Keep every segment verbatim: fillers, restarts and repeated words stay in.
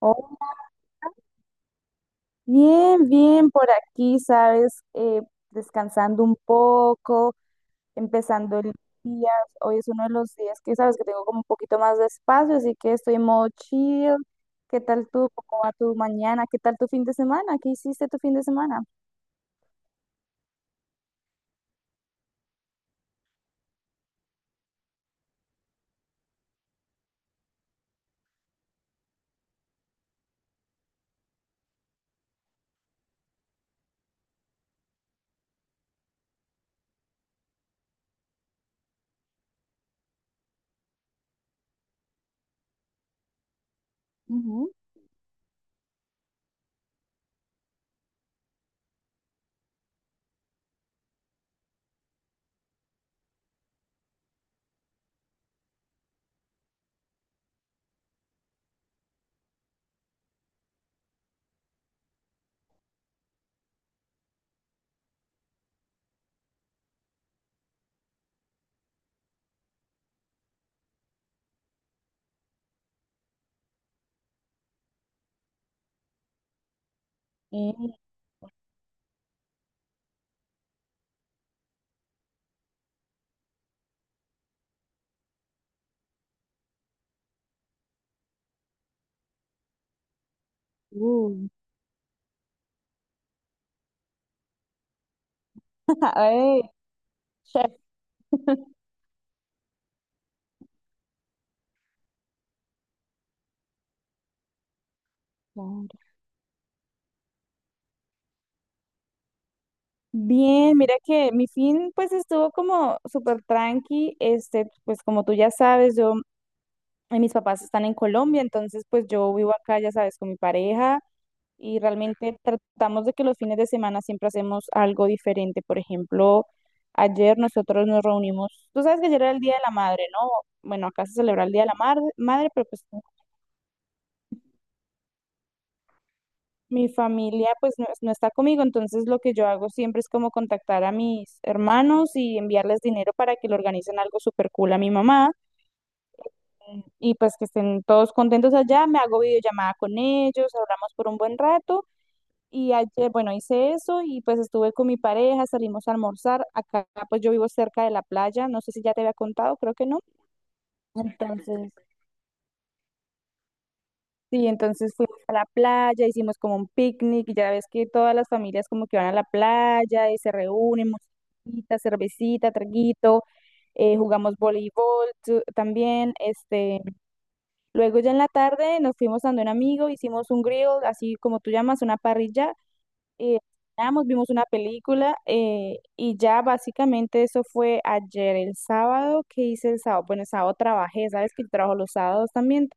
Oh, bien, bien por aquí, ¿sabes? Eh, descansando un poco, empezando el día. Hoy es uno de los días que, ¿sabes? Que tengo como un poquito más de espacio, así que estoy en modo chill. ¿Qué tal tú? ¿Cómo va tu mañana? ¿Qué tal tu fin de semana? ¿Qué hiciste tu fin de semana? Ujú. Eh, Uy, ay, chef. Claro. Bien, mira que mi fin pues estuvo como súper tranqui, este, pues como tú ya sabes, yo. Y mis papás están en Colombia, entonces pues yo vivo acá, ya sabes, con mi pareja y realmente tratamos de que los fines de semana siempre hacemos algo diferente. Por ejemplo, ayer nosotros nos reunimos, tú sabes que ayer era el Día de la Madre, ¿no? Bueno, acá se celebra el Día de la Mar- Madre, pero pues mi familia pues no, no está conmigo, entonces lo que yo hago siempre es como contactar a mis hermanos y enviarles dinero para que le organicen algo súper cool a mi mamá. Y pues que estén todos contentos allá, me hago videollamada con ellos, hablamos por un buen rato y ayer, bueno, hice eso y pues estuve con mi pareja, salimos a almorzar, acá pues yo vivo cerca de la playa, no sé si ya te había contado, creo que no. Entonces, sí, entonces fuimos a la playa, hicimos como un picnic, y ya ves que todas las familias como que van a la playa y se reúnen, musiquita, cervecita, traguito, eh, jugamos voleibol tu- también, este, luego ya en la tarde nos fuimos dando un amigo, hicimos un grill, así como tú llamas, una parrilla, eh, cenamos, vimos una película eh, y ya básicamente eso fue ayer, el sábado, ¿qué hice el sábado? Bueno, el sábado trabajé, sabes que yo trabajo los sábados también,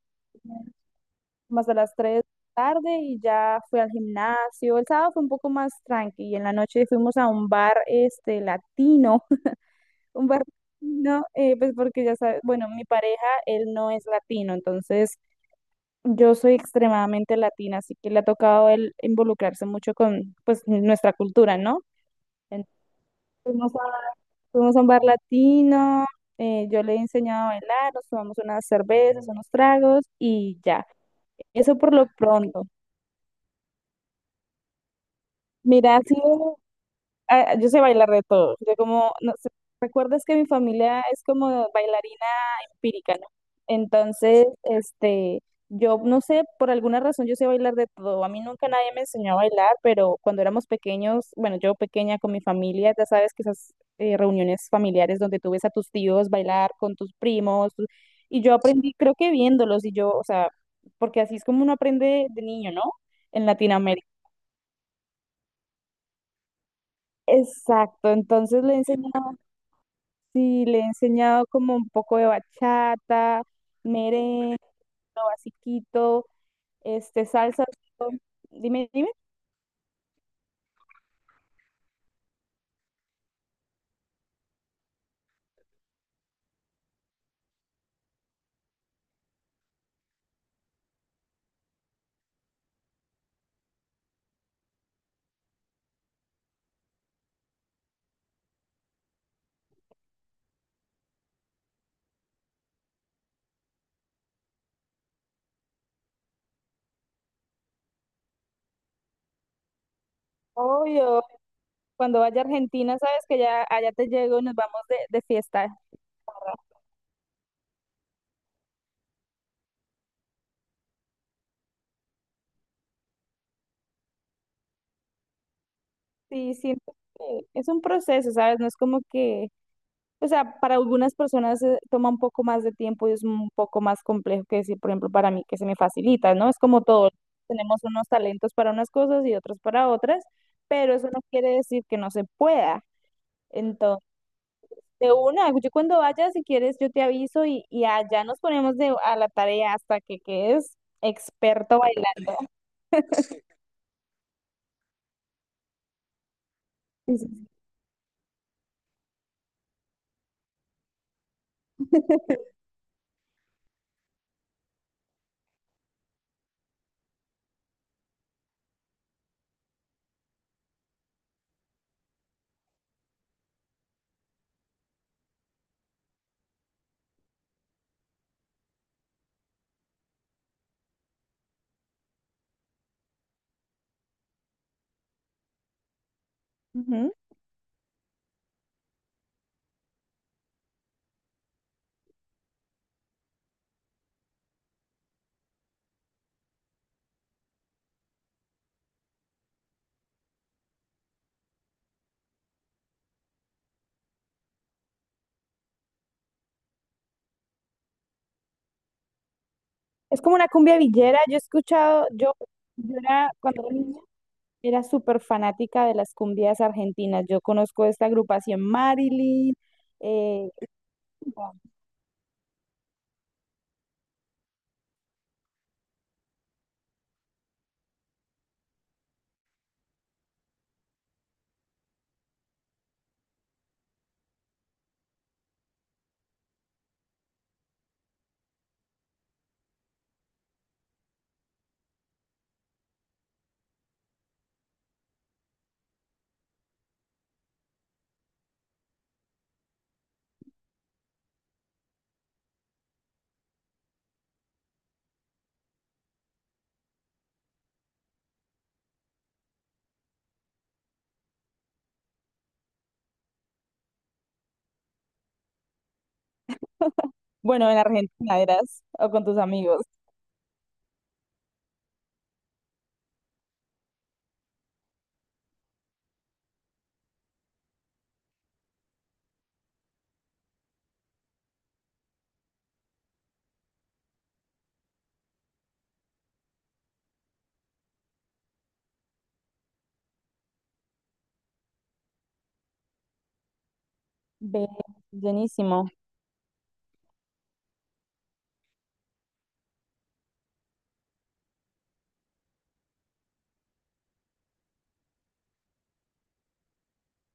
más a las tres de la tarde y ya fui al gimnasio. El sábado fue un poco más tranqui y en la noche fuimos a un bar este latino, un bar latino, eh, pues porque ya sabes, bueno, mi pareja, él no es latino, entonces yo soy extremadamente latina, así que le ha tocado el involucrarse mucho con pues nuestra cultura, ¿no? Entonces, fuimos a, fuimos a un bar latino, eh, yo le he enseñado a bailar, nos tomamos unas cervezas, unos tragos y ya. Eso por lo pronto. Mira, ha sido ah, yo sé bailar de todo. Yo como, no sé, recuerdas que mi familia es como bailarina empírica, ¿no? Entonces, este, yo no sé, por alguna razón yo sé bailar de todo. A mí nunca nadie me enseñó a bailar, pero cuando éramos pequeños, bueno, yo pequeña con mi familia, ya sabes que esas eh, reuniones familiares donde tú ves a tus tíos bailar con tus primos, tu- y yo aprendí, creo que viéndolos, y yo, o sea, porque así es como uno aprende de niño, ¿no? En Latinoamérica. Exacto, entonces le enseñó. Sí, le he enseñado como un poco de bachata, merengue, lo basiquito, este, salsa. Dime, dime. Obvio, cuando vaya a Argentina, sabes que ya allá te llego y nos vamos de, de fiesta. Sí, siento que es un proceso, ¿sabes? No es como que. O sea, para algunas personas eh, toma un poco más de tiempo y es un poco más complejo que decir, por ejemplo, para mí que se me facilita, ¿no? Es como todo, tenemos unos talentos para unas cosas y otros para otras, pero eso no quiere decir que no se pueda. Entonces, de una, yo cuando vaya, si quieres, yo te aviso y, y allá nos ponemos de, a la tarea hasta que quedes experto bailando. Sí, sí, sí. Ujú. Es como una cumbia villera, yo he escuchado, yo, yo era cuando era niña, era súper fanática de las cumbias argentinas. Yo conozco esta agrupación Marilyn. eh, bueno, en Argentina eras o con tus amigos. Ve, buenísimo.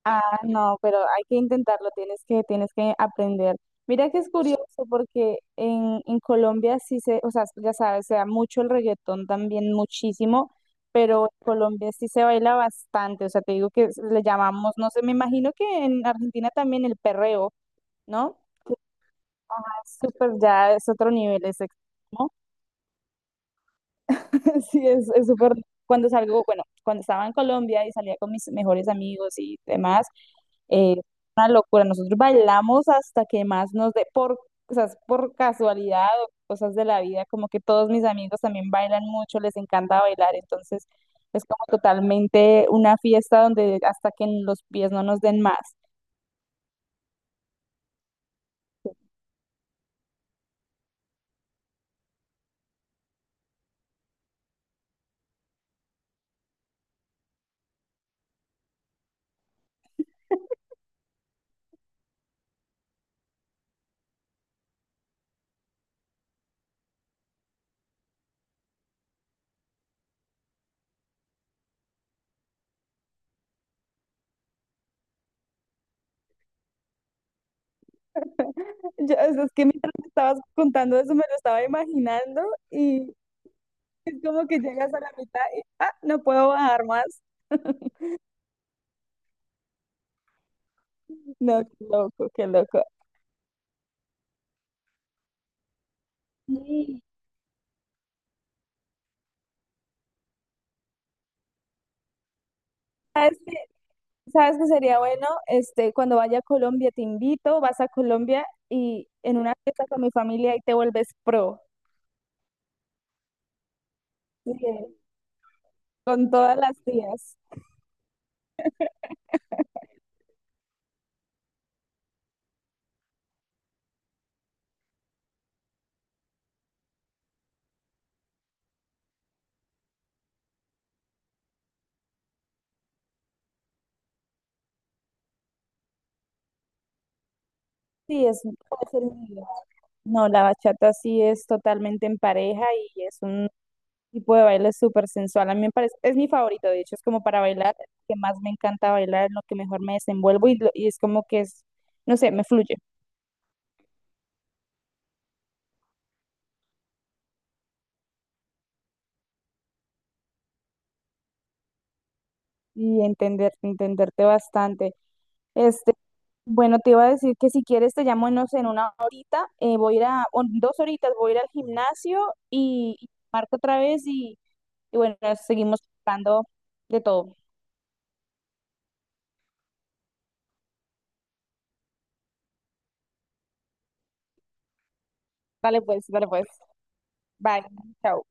Ah, no, pero hay que intentarlo, tienes que, tienes que aprender. Mira que es curioso porque en, en Colombia sí se, o sea, ya sabes, se da mucho el reggaetón también, muchísimo, pero en Colombia sí se baila bastante, o sea, te digo que le llamamos, no sé, me imagino que en Argentina también el perreo, ¿no? Súper, ya es otro nivel, es extremo. Sí, es, es súper. Cuando salgo, bueno, cuando estaba en Colombia y salía con mis mejores amigos y demás, eh, una locura. Nosotros bailamos hasta que más nos dé por, o sea, por casualidad o cosas de la vida, como que todos mis amigos también bailan mucho, les encanta bailar, entonces es como totalmente una fiesta donde hasta que los pies no nos den más. Yo, es que mientras me estabas contando eso me lo estaba imaginando y es como que llegas a la mitad y, ah, no puedo bajar más. No, qué loco, qué loco. Sí. ¿Sabes qué? ¿Sabes qué sería bueno? Este, cuando vaya a Colombia, te invito, vas a Colombia y en una fiesta con mi familia y te vuelves pro. Sí, con todas las tías. Sí, es puede ser mi idea. No, la bachata sí es totalmente en pareja y es un tipo de baile es súper sensual. A mí me parece, es mi favorito, de hecho, es como para bailar, que más me encanta bailar, en lo que mejor me desenvuelvo y, lo- y es como que es, no sé, me fluye y entender, entenderte bastante. Este, bueno, te iba a decir que si quieres te llamo, no sé, en una horita, eh, voy a ir a, o en dos horitas, voy a ir al gimnasio y, y marco otra vez y, y bueno, seguimos hablando de todo. Dale pues, dale pues. Bye. Chao.